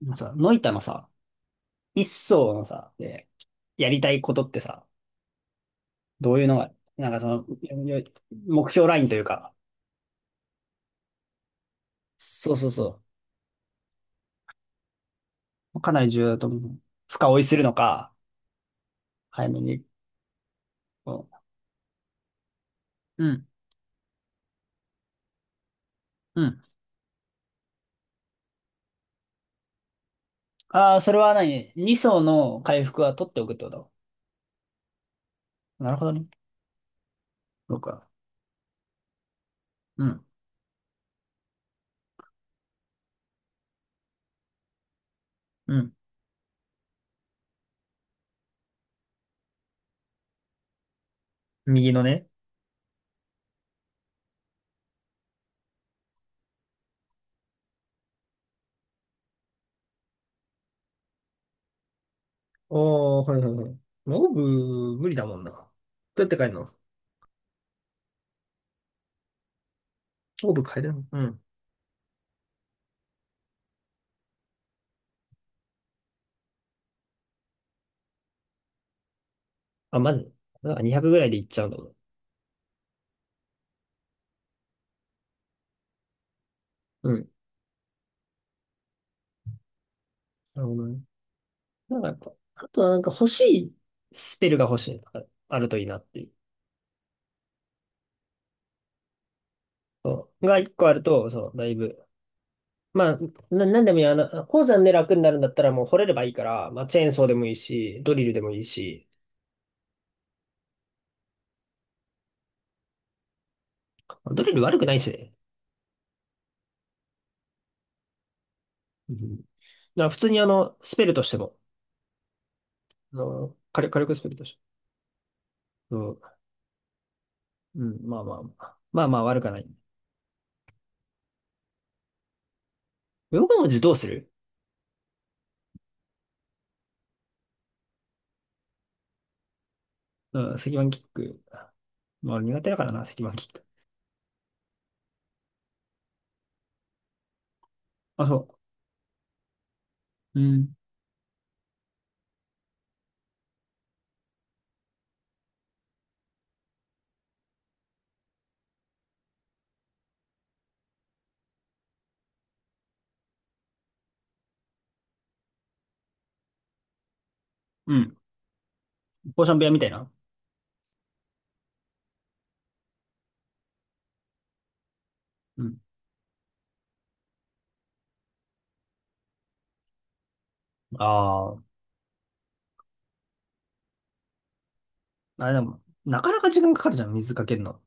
まあさ、ノイタのさ、一層のさ、で、やりたいことってさ、どういうのが、なんかその、よよ目標ラインというか、そうそうそうかなり重要だと思う。深追いするのか、早めに。こううん、うん。ああ、それは何？ 2 層の回復は取っておくってこと？なるほどね。そうか。うん。うん。右のね。おー、はいはいはい。オーブ、無理だもんな。どうやって変えるの？オーブ変えるの？うん。あ、まず。あ200ぐらいでいっちゃうんだもん。うん。なるほどね。なんかやっぱ、あとはなんか欲しいスペルが欲しい。ああるといいなっていう。そう。が一個あると、そう、だいぶ。まあ、なんでもいいや。あの、鉱山で楽になるんだったらもう掘れればいいから、まあ、チェーンソーでもいいし、ドリルでもいいし、ドリル悪くないしね。うん。だから普通にあの、スペルとしても、あの、火力スペルとしても。そう。うん、まあまあまあ。まあまあ悪くはない。ヨガ文字どうする？うん、石板キック。まあ苦手だからな、石板キック。あ、そう。うん。うん。ポーション部屋みたいな。うん。ああ、あれでも、なかなか時間かかるじゃん、水かけるの。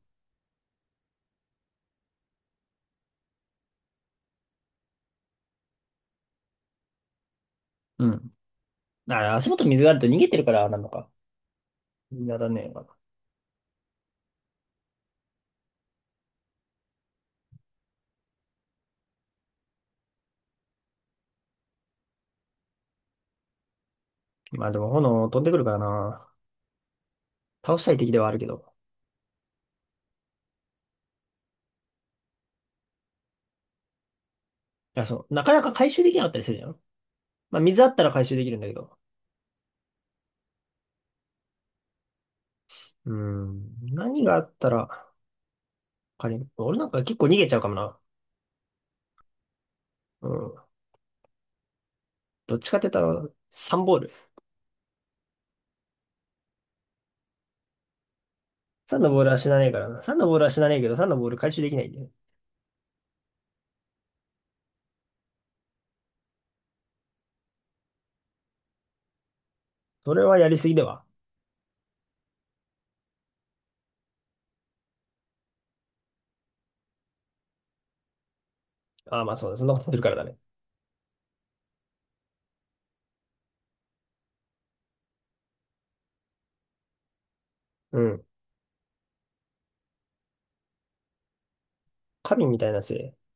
うん。あれ、足元水があると逃げてるからなのか。やらね。まあでも炎飛んでくるからな。倒したい敵ではあるけど。いや、そう。なかなか回収できなかったりするじゃん。まあ、水あったら回収できるんだけど。うん。何があったら、仮に、俺なんか結構逃げちゃうかもな。うん。どっちかって言ったら、サンボール。サンのボールは死なねえからな。サンのボールは死なねえけど、サンのボール回収できないんだよ。それはやりすぎでは。ああ、まあそうだ。そんなことするからだね。うん。神みたいなせい。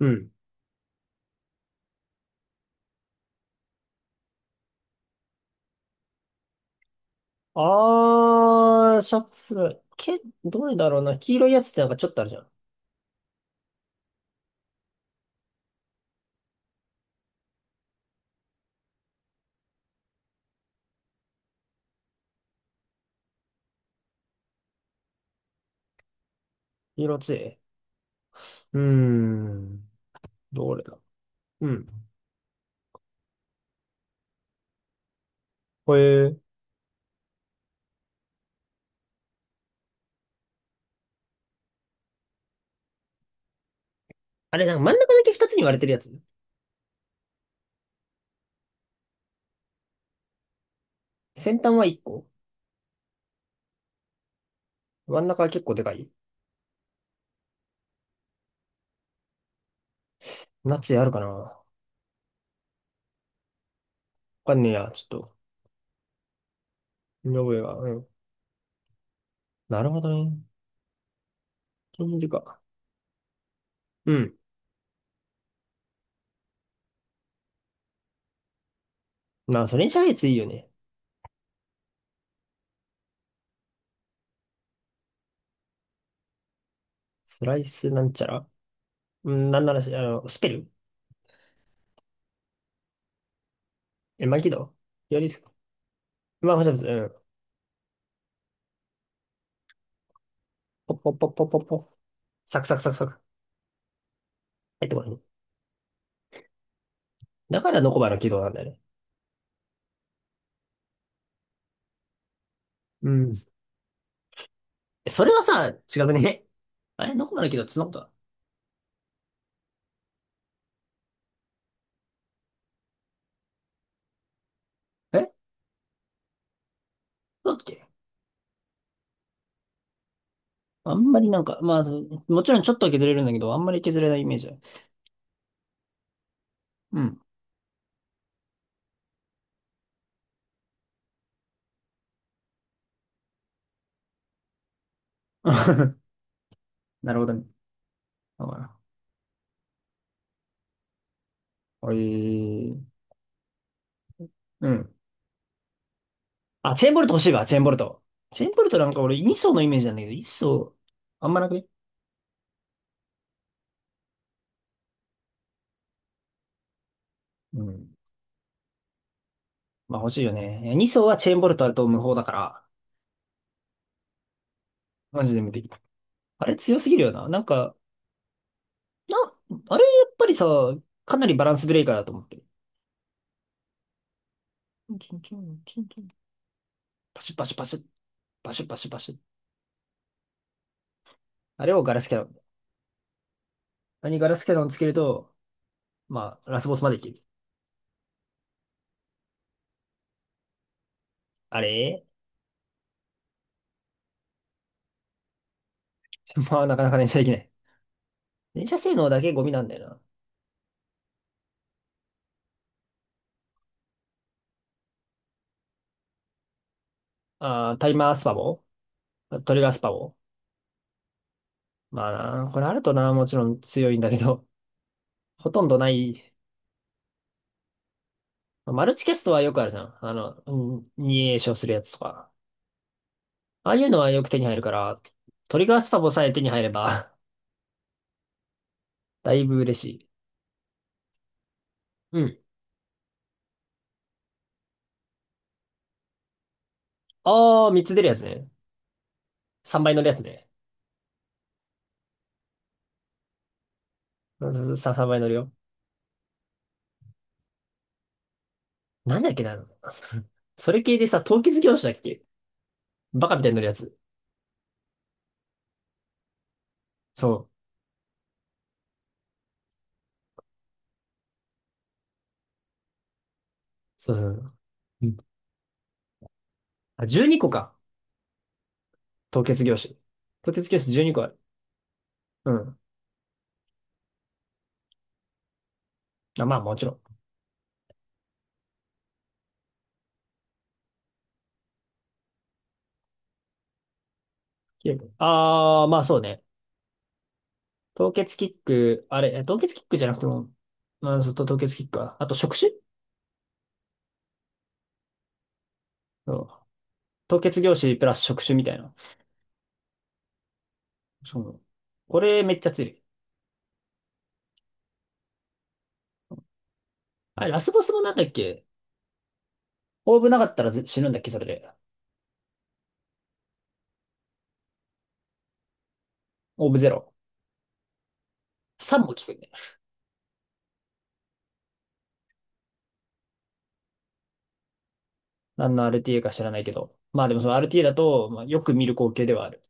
うん。あー、シャッフル。どれだろうな。黄色いやつってなんかちょっとあるじゃん。黄色強い。うーん。どれだ。うん。これ、あれ、なんか真ん中だけ2つに割れてるやつ？先端は1個。真ん中は結構でかい。ナチあるかな？わかんねえや。ちょっと、見覚えが。うん。なるほどね。金色か。うん。まあ、それにシャーツいいよね。スライスなんちゃら。うん、なんならし、あの、スペル。え、マキド。やりす。まあ、ほしゃぶつ。うん。ポッポッポッポッポッポ。サクサクサクサク。入ってこい。だからノコバの軌道なんだよね。うん。えそれはさ、違くね？あれノコバの軌道ってそんなことだ。えそうだっけ？あんまりなんか、まあ、そうもちろんちょっとは削れるんだけど、あんまり削れないイメージある。うん。なるほどね。だから、おいー、うん。あ、チェーンボルト欲しいわ、チェーンボルト。チェーンボルトなんか俺2層のイメージなんだけど、1層、あんまなくね？うん。まあ欲しいよね。いや2層はチェーンボルトあると無法だから、マジで無敵。あれ強すぎるよな。なんか、な、あれやっぱりさ、かなりバランスブレーカーだと思ってる。チンチンチンチンチン、パシュパシュパシュ、パシュパシュパシュ。あれをガラスキャノン。あれにガラスキャノンつけると、まあ、ラスボスまでいける。あれ。 まあ、なかなか連射できない。連射性能だけゴミなんだよな。あー、タイマースパボ。トリガースパボ。まあな、これあるとな、もちろん強いんだけど、ほとんどない。マルチキャストはよくあるじゃん。あの、二詠唱するやつとか。ああいうのはよく手に入るから、トリガースパボさえ手に入れば だいぶ嬉しい。うん。ああ、三つ出るやつね。三倍乗るやつね。うんさ、3倍乗るよ。なんだっけな。それ系でさ、凍結業種だっけ？バカみたいに乗るやつ。そう。そうそうそう。うん。あ、12個か。凍結業種。凍結業種12個ある。うん。あ、まあもちろん。ああー、まあそうね。凍結キック、あれ、え凍結キックじゃなくても、まあ、そうと凍結キックか。あと触手。そう。凍結業種プラス触手みたいな。そう。これめっちゃ強い。あれ、ラスボスもなんだっけ？オーブなかったらず死ぬんだっけ？それで。オーブゼロ。3も効くね。何の RTA か知らないけど。まあでもその RTA だと、まあ、よく見る光景ではある。